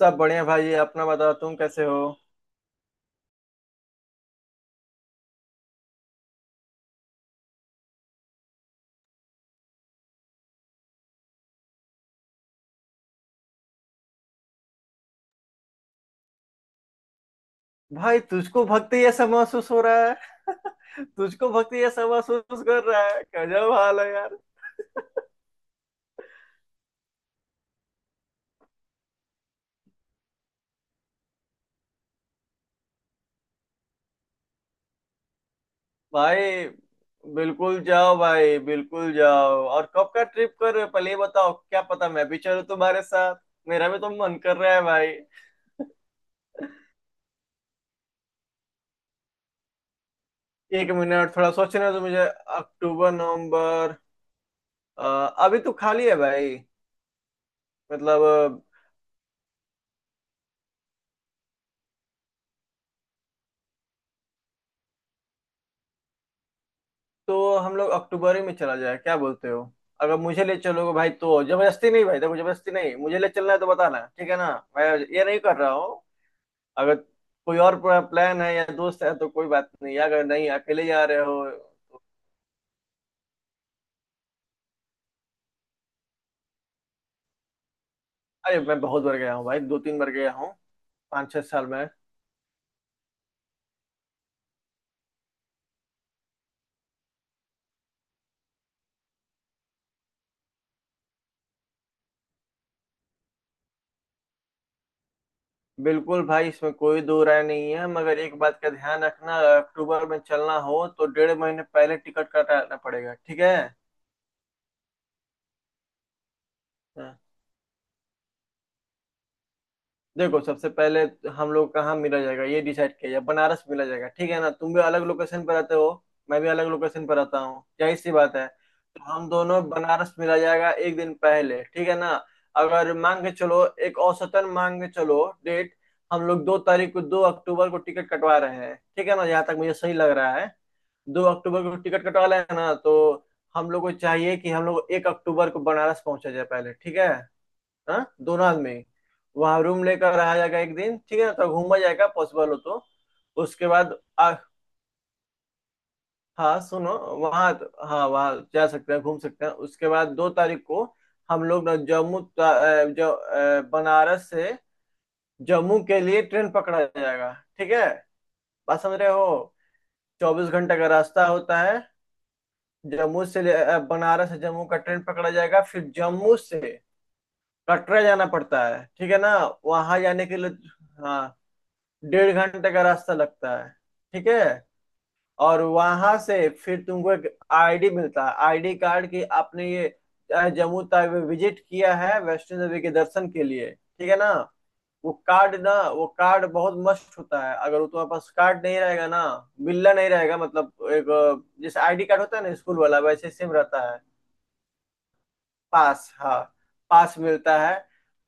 सब बढ़िया भाई। अपना बताओ, तुम कैसे हो? भाई तुझको भक्ति ऐसा महसूस हो रहा है तुझको भक्ति ऐसा महसूस कर रहा है, गजब हाल है यार। भाई बिल्कुल जाओ भाई, बिल्कुल जाओ। और कब का ट्रिप कर रहे हो पहले ये बताओ, क्या पता मैं भी चलूं तुम्हारे साथ। मेरा भी तो मन कर रहा है भाई। एक मिनट, थोड़ा सोचने तो मुझे। अक्टूबर नवंबर। अ, अभी तो खाली है भाई। मतलब तो हम लोग अक्टूबर ही में चला जाए, क्या बोलते हो? अगर मुझे ले चलोगे भाई तो, जबरदस्ती नहीं भाई, देखो जबरदस्ती नहीं। मुझे ले चलना है तो बताना, ठीक है ना। मैं ये नहीं कर रहा हूँ। अगर कोई और प्लान है या दोस्त है तो कोई बात नहीं, अगर नहीं अकेले जा रहे हो। अरे मैं बहुत बार गया हूँ भाई, दो तीन बार गया हूँ 5-6 साल में। बिल्कुल भाई, इसमें कोई दो राय नहीं है। मगर एक बात का ध्यान रखना, अगर अक्टूबर में चलना हो तो डेढ़ महीने पहले टिकट कटाना पड़ेगा, ठीक है। देखो सबसे पहले हम लोग कहाँ मिला जाएगा ये डिसाइड किया जाए। बनारस मिला जाएगा, ठीक है ना। तुम भी अलग लोकेशन पर रहते हो, मैं भी अलग लोकेशन पर रहता हूँ, यही सी बात है। तो हम दोनों बनारस मिला जाएगा एक दिन पहले, ठीक है ना। अगर मांग के चलो, एक औसतन मांग के चलो डेट। हम लोग 2 तारीख को, 2 अक्टूबर को टिकट कटवा रहे हैं, ठीक है ना। यहाँ तक मुझे सही लग रहा है। 2 अक्टूबर को टिकट कटवा रहे हैं ना, तो हम लोग को चाहिए कि हम लोग 1 अक्टूबर को बनारस पहुंचा जाए पहले, ठीक है। हाँ, दोनों आदमी वहां रूम लेकर रहा जाएगा एक दिन, ठीक है ना, तो घूमा जाएगा पॉसिबल हो तो। उसके बाद हाँ सुनो, वहाँ तो, हाँ वहाँ जा सकते हैं, घूम सकते हैं। उसके बाद 2 तारीख को हम लोग ना जम्मू ता- अ, जो अ, बनारस से जम्मू के लिए ट्रेन पकड़ा जाएगा, ठीक है। बात समझ रहे हो? 24 घंटे का रास्ता होता है। जम्मू से ले- अ, बनारस से जम्मू का ट्रेन पकड़ा जाएगा, फिर जम्मू से कटरा जाना पड़ता है, ठीक है ना। वहां जाने के लिए हाँ डेढ़ घंटे का रास्ता लगता है, ठीक है। और वहां से फिर तुमको एक आईडी मिलता है, आईडी कार्ड की आपने ये जम्मू तक विजिट किया है वैष्णो देवी के दर्शन के लिए, ठीक है ना। वो कार्ड ना, वो कार्ड बहुत मस्त होता है। अगर वो तुम्हारे पास कार्ड नहीं रहेगा ना, बिल्ला नहीं रहेगा, मतलब एक जैसे आईडी कार्ड होता है ना स्कूल वाला, वैसे सेम रहता है। पास हाँ, पास मिलता है।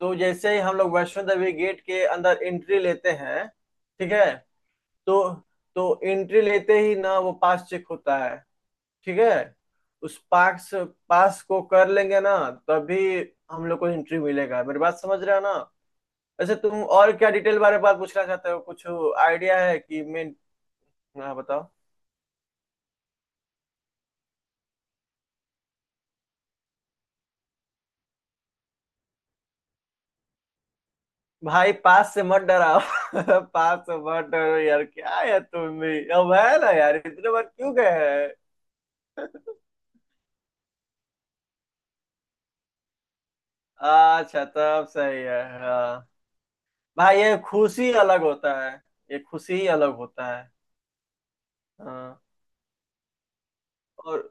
तो जैसे ही हम लोग वैष्णो देवी गेट के अंदर एंट्री लेते हैं, ठीक है, तो तो एंट्री लेते ही ना वो पास चेक होता है, ठीक है। उस पास, पास को कर लेंगे ना, तभी हम लोग को एंट्री मिलेगा। मेरी बात समझ रहे हो ना? वैसे तुम और क्या डिटेल बारे में बात पूछना चाहते हो, कुछ आइडिया है कि मैं। हाँ बताओ। भाई पास से मत डराओ पास से मत डरो यार, क्या है तुम भी, अब है ना यार इतने बार क्यों गए हैं। अच्छा तब सही है, हाँ। भाई ये खुशी अलग होता है, ये खुशी ही अलग होता है। हाँ। और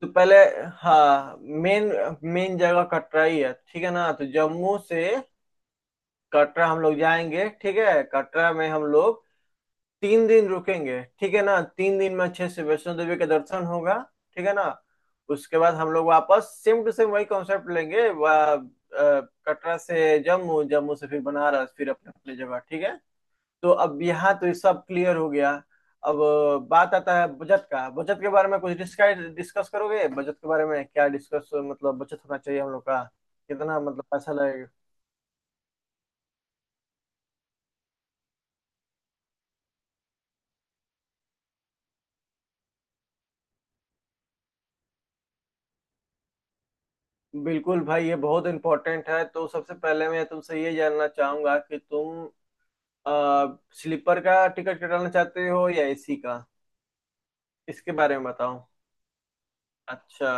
तो पहले हाँ, मेन मेन जगह कटरा ही है, ठीक है ना। तो जम्मू से कटरा हम लोग जाएंगे, ठीक है। कटरा में हम लोग 3 दिन रुकेंगे, ठीक है ना। 3 दिन में अच्छे से वैष्णो देवी का दर्शन होगा, ठीक है ना। उसके बाद हम लोग वापस सेम टू सेम वही कॉन्सेप्ट लेंगे। अ, कटरा से जम्मू, जम्मू से फिर बनारस, फिर अपने अपने जगह, ठीक है। तो अब यहाँ तो ये सब क्लियर हो गया। अब बात आता है बजट का। बजट के बारे में कुछ डिस्कस, डिस्कस करोगे बजट के बारे में? क्या डिस्कस, मतलब बचत होना चाहिए हम लोग का, कितना मतलब पैसा लगेगा। बिल्कुल भाई, ये बहुत इंपॉर्टेंट है। तो सबसे पहले मैं तुमसे ये जानना चाहूंगा कि तुम स्लीपर का टिकट कटाना चाहते हो या एसी का, इसके बारे में बताओ। अच्छा,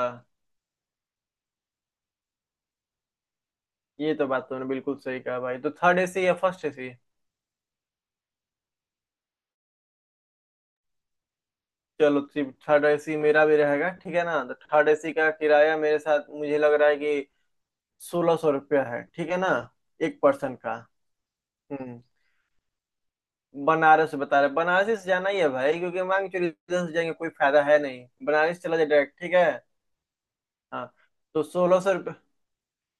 ये तो बात तुमने बिल्कुल सही कहा भाई। तो थर्ड एसी या फर्स्ट एसी? चलो, थर्ड एसी मेरा भी रहेगा, ठीक है ना। तो थर्ड एसी का किराया, मेरे साथ मुझे लग रहा है कि 1600 रुपया है, ठीक है ना। एक पर्सन का। हम्म, बनारस बता रहे, बनारस से जाना ही है भाई, क्योंकि मांग चोरी इधर से जाएंगे कोई फायदा है नहीं, बनारस चला जाए डायरेक्ट, ठीक है। हाँ, तो 1600 रुपये।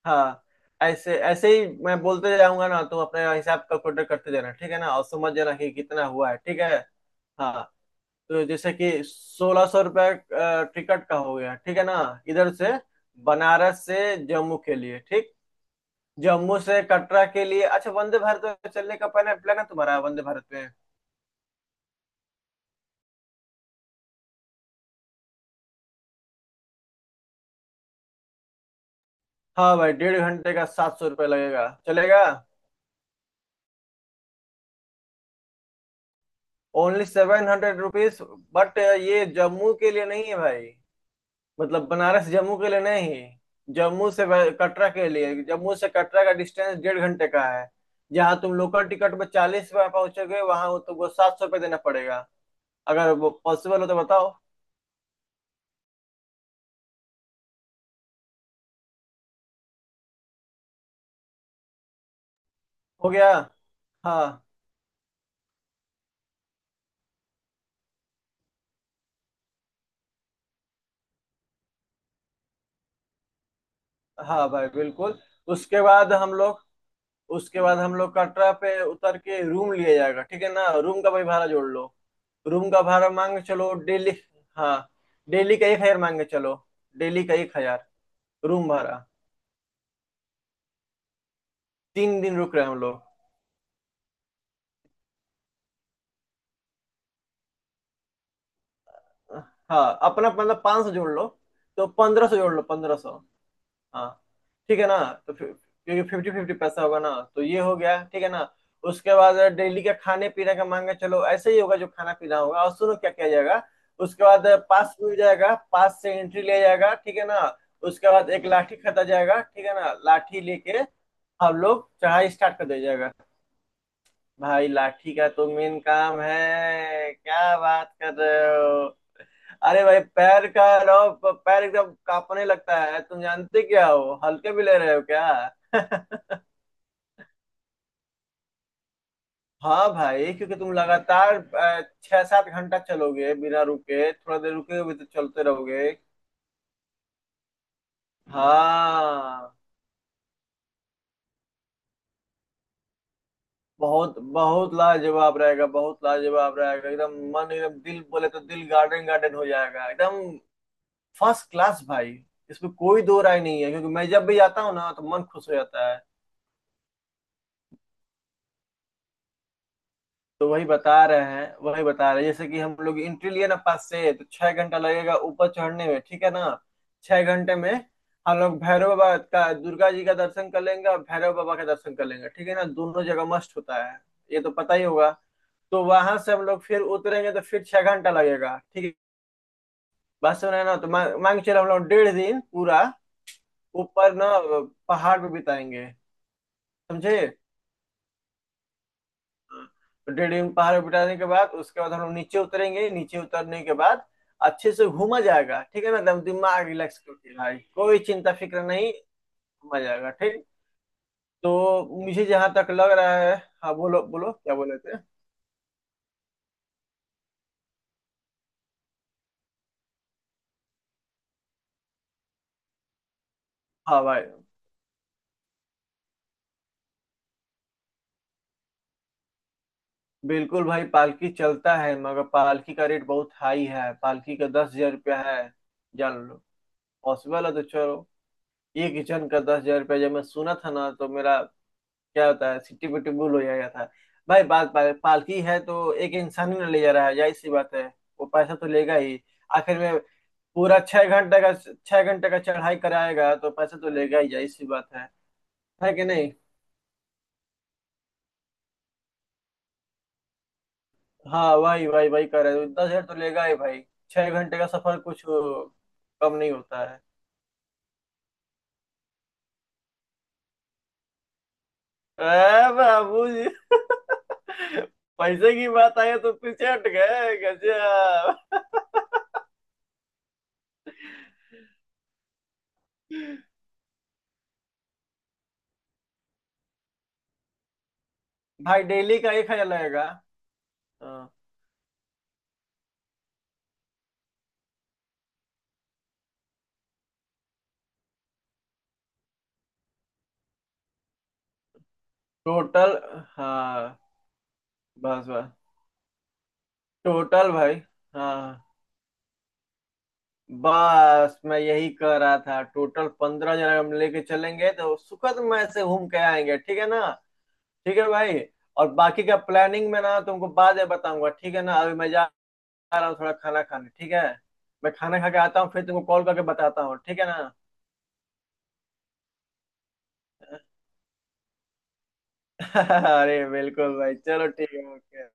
हाँ, ऐसे ऐसे ही मैं बोलते जाऊंगा ना, तुम अपने हिसाब कैलकुलेटर करते जाना, ठीक है ना। और समझ जाना कि कितना हुआ है, ठीक है। हाँ, तो जैसे कि 1600 रुपये टिकट का हो गया, ठीक है ना। इधर से, बनारस से जम्मू के लिए, ठीक। जम्मू से कटरा के लिए, अच्छा वंदे भारत में चलने का पहले प्लान है तुम्हारा? वंदे भारत में हाँ भाई डेढ़ घंटे का 700 रुपये लगेगा, चलेगा? Only seven hundred rupees. But ये जम्मू के लिए नहीं है भाई, मतलब बनारस जम्मू के लिए नहीं। कटरा के लिए, जम्मू से कटरा का डिस्टेंस डेढ़ घंटे का है। जहाँ तुम लोकल टिकट में 40 रुपये पहुंचोगे, वहां वो तुमको 700 रुपये देना पड़ेगा। अगर वो पॉसिबल हो तो बताओ। हो गया। हाँ हाँ भाई बिल्कुल। उसके बाद हम लोग उसके बाद हम लोग कटरा पे उतर के रूम लिया जाएगा, ठीक है ना। रूम का भाई भाड़ा जोड़ लो। रूम का भाड़ा मांग के चलो डेली। हाँ, डेली का 1000 मांग के चलो। डेली का एक हजार रूम भाड़ा। 3 दिन रुक रहे हैं हम लोग। हाँ, अपना मतलब 500 जोड़ लो। तो 1500 जोड़ लो, 1500। हाँ, ठीक है ना। तो फिर, क्योंकि फिफ्टी फिफ्टी पैसा होगा ना, तो ये हो गया, ठीक है ना। उसके बाद डेली का खाने पीने का मांगा चलो, ऐसे ही होगा जो खाना पीना होगा। और सुनो क्या किया जाएगा। उसके बाद पास मिल जाएगा, पास से एंट्री लिया जाएगा, ठीक है ना। उसके बाद एक लाठी खरीदा जाएगा, ठीक है ना। लाठी लेके हम लोग चढ़ाई स्टार्ट कर दिया जाएगा। भाई लाठी का तो मेन काम है, क्या बात कर रहे हो। अरे भाई पैर का रहो, पैर एकदम कांपने लगता है। तुम जानते क्या हो, हल्के भी ले रहे हो क्या हाँ भाई, क्योंकि तुम लगातार 6-7 घंटा चलोगे बिना रुके, थोड़ा देर रुके भी तो चलते रहोगे। हाँ, बहुत बहुत लाजवाब रहेगा, बहुत लाजवाब रहेगा एकदम। मन एकदम, दिल बोले तो दिल गार्डन गार्डन हो जाएगा एकदम। फर्स्ट क्लास भाई। इसमें कोई दो राय नहीं है, क्योंकि मैं जब भी जाता हूँ ना तो मन खुश हो जाता है। तो वही बता रहे हैं, वही बता रहे हैं। जैसे कि हम लोग एंट्री लिए ना पास से, तो 6 घंटा लगेगा ऊपर चढ़ने में, ठीक है ना। 6 घंटे में हम लोग भैरव बाबा का, दुर्गा जी का दर्शन कर लेंगे और भैरव बाबा का दर्शन कर लेंगे, ठीक है ना। दोनों जगह मस्त होता है, ये तो पता ही होगा। तो वहां से हम लोग फिर उतरेंगे, तो फिर 6 घंटा लगेगा, ठीक है। बस सुना है ना, तो मांग मांग चलो हम लोग डेढ़ दिन पूरा ऊपर ना पहाड़ पे बिताएंगे, समझे। तो डेढ़ रिंग पहाड़ बिठाने के बाद, उसके बाद हम लोग नीचे उतरेंगे। नीचे उतरने के बाद अच्छे से घूमा जाएगा, ठीक है ना। एकदम दिमाग रिलैक्स करके भाई, कोई चिंता फिक्र नहीं। घूमा जाएगा ठीक। तो मुझे जहां तक लग रहा है, हाँ बोलो बोलो क्या बोले थे। हाँ भाई बिल्कुल, भाई पालकी चलता है मगर पालकी का रेट बहुत हाई है, पालकी का 10,000 रुपया है, जान लो। पॉसिबल है तो चलो। एक जन का 10,000 रुपया जब मैं सुना था ना, तो मेरा क्या होता है सिट्टी पिट्टी भूल हो जाएगा था। भाई बात, पालकी है तो एक इंसान ही ना ले जा रहा है, जाहिर सी बात है, वो पैसा तो लेगा ही। आखिर में पूरा 6 घंटे का, 6 घंटे का चढ़ाई कराएगा तो पैसा तो लेगा ही, जाहिर सी बात है। है कि नहीं। हाँ वही वही वही कर रहे हो। 10,000 तो लेगा ही भाई, 6 घंटे का सफर कुछ कम नहीं होता है। अरे बाबू जी पैसे की बात आई तो पीछे हट गए, गजब। भाई डेली का एक हजार लगेगा। हाँ टोटल। हाँ बस बस, टोटल भाई। हाँ, बस मैं यही कह रहा था, टोटल 15 जन हम लेके चलेंगे तो सुखद मय से घूम के आएंगे, ठीक है ना। ठीक है भाई। और बाकी का प्लानिंग में ना तुमको बाद में बताऊंगा, ठीक है ना। अभी मैं जा रहा हूँ थोड़ा खाना खाने, ठीक है। मैं खाना खा के आता हूँ, फिर तुमको कॉल करके बताता हूँ, ठीक है ना। अरे बिल्कुल भाई, चलो ठीक है, ओके।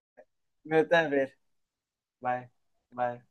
मिलते हैं फिर। Bye bye.